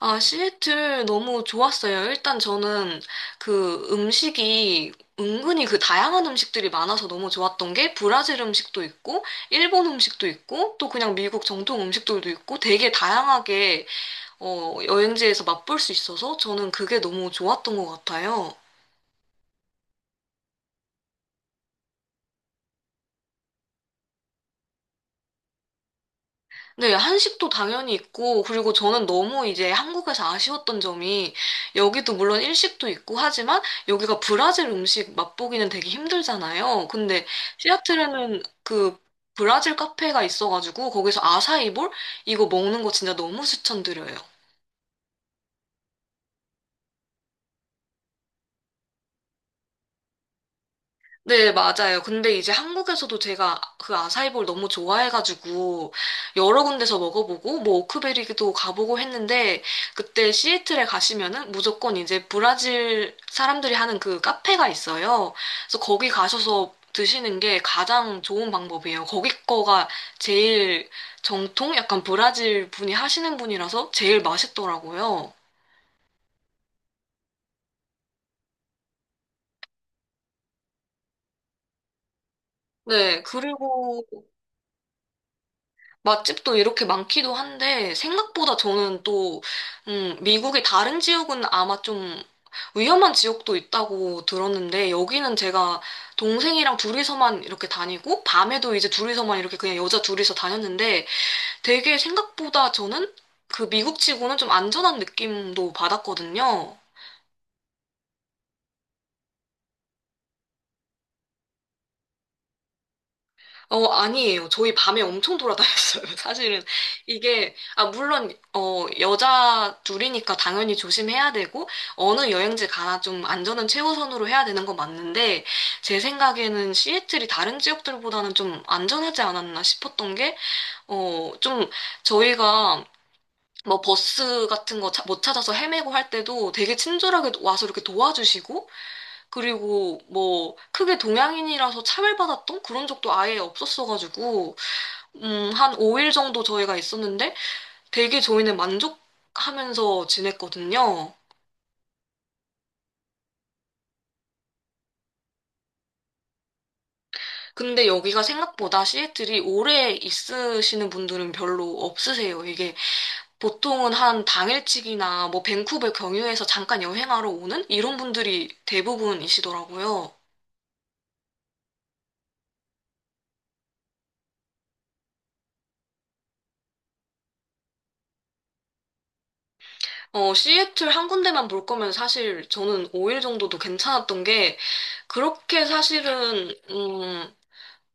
아, 시애틀 너무 좋았어요. 일단 저는 그 음식이 은근히 그 다양한 음식들이 많아서 너무 좋았던 게 브라질 음식도 있고, 일본 음식도 있고, 또 그냥 미국 정통 음식들도 있고, 되게 다양하게 여행지에서 맛볼 수 있어서 저는 그게 너무 좋았던 것 같아요. 네, 한식도 당연히 있고, 그리고 저는 너무 이제 한국에서 아쉬웠던 점이, 여기도 물론 일식도 있고 하지만, 여기가 브라질 음식 맛보기는 되게 힘들잖아요. 근데 시애틀에는 그 브라질 카페가 있어가지고, 거기서 아사이볼? 이거 먹는 거 진짜 너무 추천드려요. 네, 맞아요. 근데 이제 한국에서도 제가 그 아사이볼 너무 좋아해가지고 여러 군데서 먹어보고 뭐 오크베리도 가보고 했는데 그때 시애틀에 가시면은 무조건 이제 브라질 사람들이 하는 그 카페가 있어요. 그래서 거기 가셔서 드시는 게 가장 좋은 방법이에요. 거기 거가 제일 정통? 약간 브라질 분이 하시는 분이라서 제일 맛있더라고요. 네, 그리고 맛집도 이렇게 많기도 한데, 생각보다 저는 또, 미국의 다른 지역은 아마 좀 위험한 지역도 있다고 들었는데, 여기는 제가 동생이랑 둘이서만 이렇게 다니고, 밤에도 이제 둘이서만 이렇게 그냥 여자 둘이서 다녔는데, 되게 생각보다 저는 그 미국치고는 좀 안전한 느낌도 받았거든요. 어, 아니에요. 저희 밤에 엄청 돌아다녔어요. 사실은 이게, 아, 물론, 여자 둘이니까 당연히 조심해야 되고, 어느 여행지 가나 좀 안전은 최우선으로 해야 되는 건 맞는데, 제 생각에는 시애틀이 다른 지역들보다는 좀 안전하지 않았나 싶었던 게, 어, 좀 저희가 뭐 버스 같은 거 못 찾아서 헤매고 할 때도 되게 친절하게 와서 이렇게 도와주시고, 그리고 뭐 크게 동양인이라서 차별받았던 그런 적도 아예 없었어가지고, 한 5일 정도 저희가 있었는데 되게 저희는 만족하면서 지냈거든요. 근데 여기가 생각보다 시애틀이 오래 있으시는 분들은 별로 없으세요. 이게 보통은 한 당일치기나 뭐 밴쿠버 경유해서 잠깐 여행하러 오는 이런 분들이 대부분이시더라고요. 어, 시애틀 한 군데만 볼 거면 사실 저는 5일 정도도 괜찮았던 게 그렇게 사실은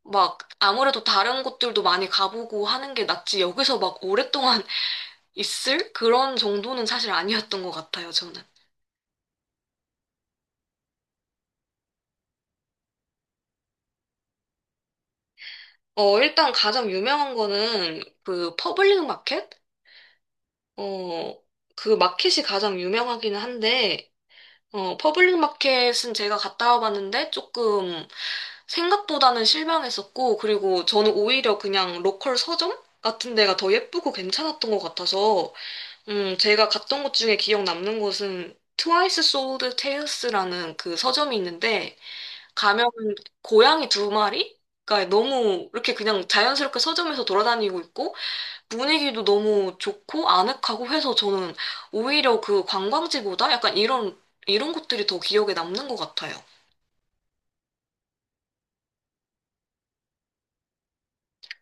막 아무래도 다른 곳들도 많이 가보고 하는 게 낫지 여기서 막 오랫동안 있을 그런 정도는 사실 아니었던 것 같아요, 저는. 어, 일단 가장 유명한 거는 그 퍼블릭 마켓? 어, 그 마켓이 가장 유명하기는 한데, 퍼블릭 마켓은 제가 갔다 와봤는데 조금 생각보다는 실망했었고, 그리고 저는 오히려 그냥 로컬 서점 같은 데가 더 예쁘고 괜찮았던 것 같아서 제가 갔던 곳 중에 기억 남는 곳은 트와이스 소울드 테일스라는 그 서점이 있는데 가면 고양이 두 마리가 너무 이렇게 그냥 자연스럽게 서점에서 돌아다니고 있고 분위기도 너무 좋고 아늑하고 해서 저는 오히려 그 관광지보다 약간 이런 곳들이 더 기억에 남는 것 같아요.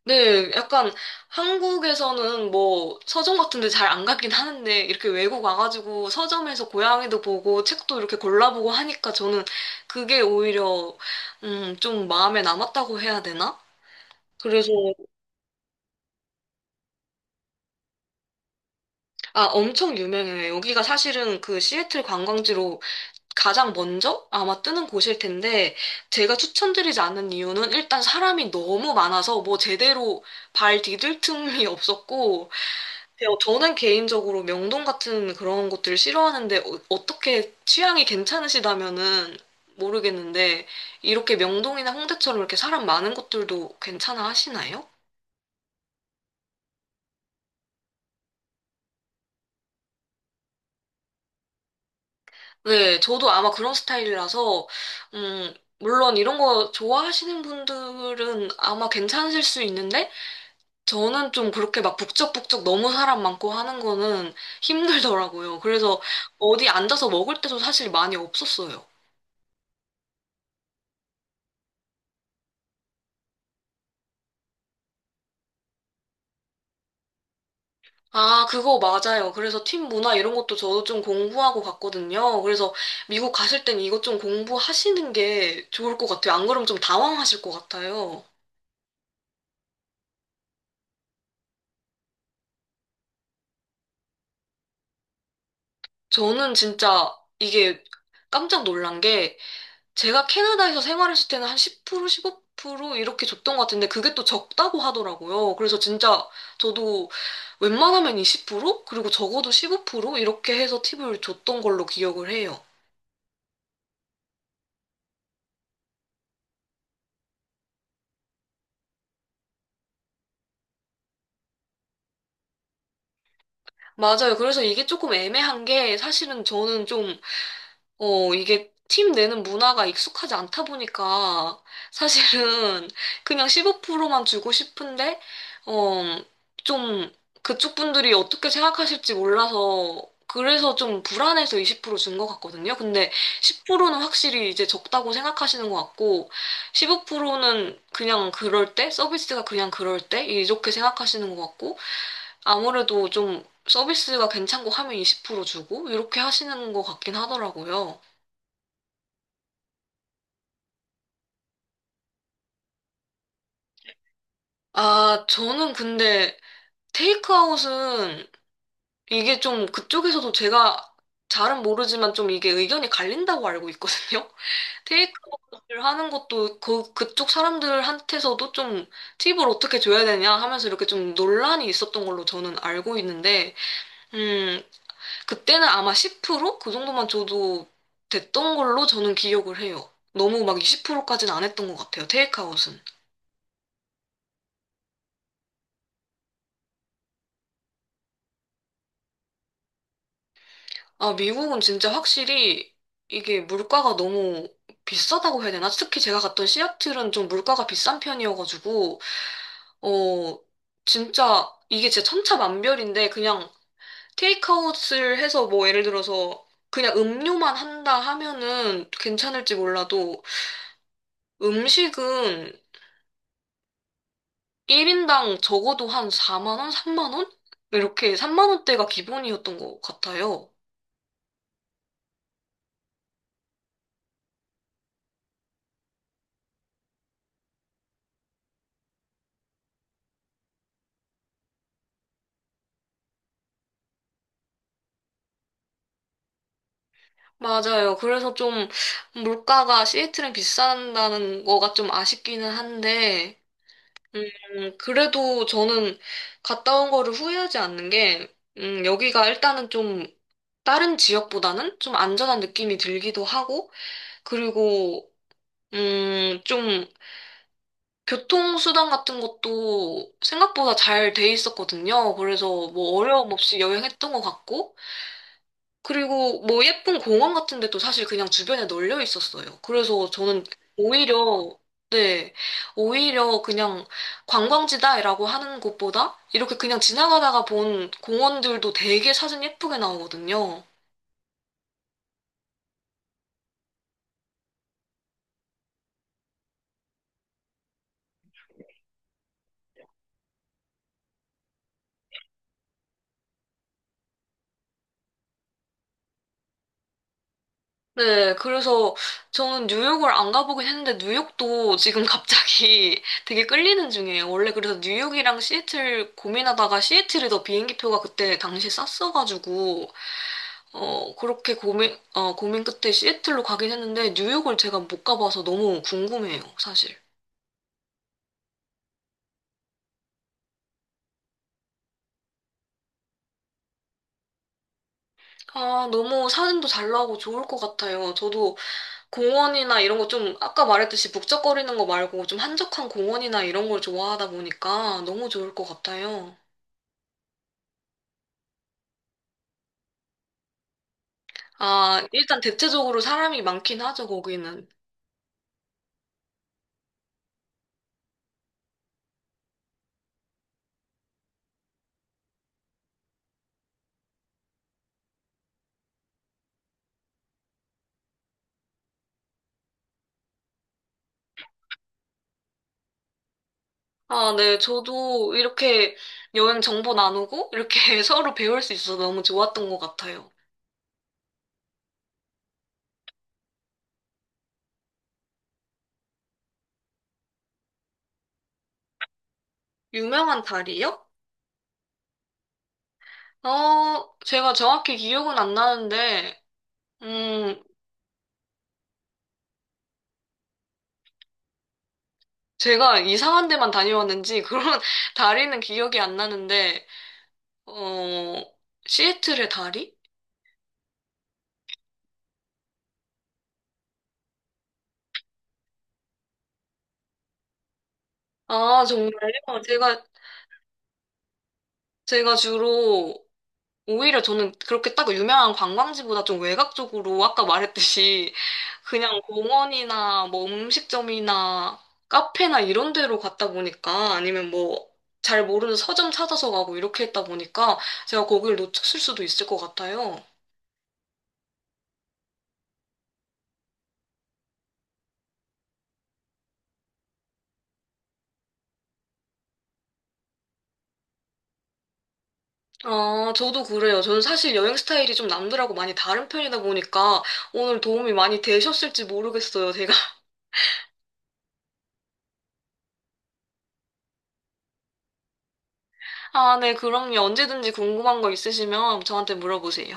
네, 약간 한국에서는 뭐 서점 같은 데 잘 안 가긴 하는데 이렇게 외국 와가지고 서점에서 고양이도 보고 책도 이렇게 골라보고 하니까 저는 그게 오히려 좀 마음에 남았다고 해야 되나? 그래서 아 엄청 유명해요. 여기가 사실은 그 시애틀 관광지로 가장 먼저 아마 뜨는 곳일 텐데 제가 추천드리지 않는 이유는 일단 사람이 너무 많아서 뭐 제대로 발 디딜 틈이 없었고 네, 저는 개인적으로 명동 같은 그런 곳들을 싫어하는데 어, 떻게 취향이 괜찮으시다면은 모르겠는데 이렇게 명동이나 홍대처럼 이렇게 사람 많은 곳들도 괜찮아 하시나요? 네, 저도 아마 그런 스타일이라서 음, 물론 이런 거 좋아하시는 분들은 아마 괜찮으실 수 있는데 저는 좀 그렇게 막 북적북적 너무 사람 많고 하는 거는 힘들더라고요. 그래서 어디 앉아서 먹을 때도 사실 많이 없었어요. 아, 그거 맞아요. 그래서 팀 문화 이런 것도 저도 좀 공부하고 갔거든요. 그래서 미국 가실 땐 이것 좀 공부하시는 게 좋을 것 같아요. 안 그러면 좀 당황하실 것 같아요. 저는 진짜 이게 깜짝 놀란 게 제가 캐나다에서 생활했을 때는 한 10%, 15% 이렇게 줬던 것 같은데 그게 또 적다고 하더라고요. 그래서 진짜 저도 웬만하면 20%? 그리고 적어도 15% 이렇게 해서 팁을 줬던 걸로 기억을 해요. 맞아요. 그래서 이게 조금 애매한 게 사실은 저는 좀, 이게 팀 내는 문화가 익숙하지 않다 보니까 사실은 그냥 15%만 주고 싶은데, 어, 좀 그쪽 분들이 어떻게 생각하실지 몰라서 그래서 좀 불안해서 20%준 것 같거든요. 근데 10%는 확실히 이제 적다고 생각하시는 것 같고, 15%는 그냥 그럴 때, 서비스가 그냥 그럴 때, 이렇게 생각하시는 것 같고, 아무래도 좀 서비스가 괜찮고 하면 20% 주고 이렇게 하시는 것 같긴 하더라고요. 아, 저는 근데 테이크아웃은 이게 좀 그쪽에서도 제가 잘은 모르지만 좀 이게 의견이 갈린다고 알고 있거든요. 테이크아웃을 하는 것도 그쪽 사람들한테서도 좀 팁을 어떻게 줘야 되냐 하면서 이렇게 좀 논란이 있었던 걸로 저는 알고 있는데, 음, 그때는 아마 10%그 정도만 줘도 됐던 걸로 저는 기억을 해요. 너무 막 20%까지는 안 했던 것 같아요. 테이크아웃은. 아, 미국은 진짜 확실히 이게 물가가 너무 비싸다고 해야 되나? 특히 제가 갔던 시애틀은 좀 물가가 비싼 편이어가지고, 어, 진짜 이게 진짜 천차만별인데 그냥 테이크아웃을 해서 뭐 예를 들어서 그냥 음료만 한다 하면은 괜찮을지 몰라도 음식은 1인당 적어도 한 4만 원, 3만 원? 이렇게 3만 원대가 기본이었던 것 같아요. 맞아요. 그래서 좀 물가가 시애틀은 비싼다는 거가 좀 아쉽기는 한데, 그래도 저는 갔다 온 거를 후회하지 않는 게, 여기가 일단은 좀 다른 지역보다는 좀 안전한 느낌이 들기도 하고, 그리고 좀 교통수단 같은 것도 생각보다 잘 돼 있었거든요. 그래서 뭐 어려움 없이 여행했던 것 같고, 그리고 뭐 예쁜 공원 같은 데도 사실 그냥 주변에 널려 있었어요. 그래서 저는 오히려, 네, 오히려 그냥 관광지다라고 하는 곳보다 이렇게 그냥 지나가다가 본 공원들도 되게 사진 예쁘게 나오거든요. 네, 그래서 저는 뉴욕을 안 가보긴 했는데 뉴욕도 지금 갑자기 되게 끌리는 중이에요. 원래 그래서 뉴욕이랑 시애틀 고민하다가 시애틀이 더 비행기표가 그때 당시 쌌어가지고 그렇게 고민 끝에 시애틀로 가긴 했는데 뉴욕을 제가 못 가봐서 너무 궁금해요, 사실. 아, 너무 사진도 잘 나오고 좋을 것 같아요. 저도 공원이나 이런 거 좀 아까 말했듯이 북적거리는 거 말고 좀 한적한 공원이나 이런 걸 좋아하다 보니까 너무 좋을 것 같아요. 아, 일단 대체적으로 사람이 많긴 하죠, 거기는. 아, 네. 저도 이렇게 여행 정보 나누고 이렇게 서로 배울 수 있어서 너무 좋았던 것 같아요. 유명한 다리요? 어, 제가 정확히 기억은 안 나는데, 음, 제가 이상한 데만 다녀왔는지 그런 다리는 기억이 안 나는데, 어, 시애틀의 다리? 아, 정말요? 제가, 제가 주로 오히려 저는 그렇게 딱 유명한 관광지보다 좀 외곽적으로 아까 말했듯이 그냥 공원이나 뭐 음식점이나 카페나 이런 데로 갔다 보니까 아니면 뭐 잘 모르는 서점 찾아서 가고 이렇게 했다 보니까 제가 거기를 놓쳤을 수도 있을 것 같아요. 아, 저도 그래요. 저는 사실 여행 스타일이 좀 남들하고 많이 다른 편이다 보니까 오늘 도움이 많이 되셨을지 모르겠어요, 제가. 아, 네, 그럼요. 언제든지 궁금한 거 있으시면 저한테 물어보세요.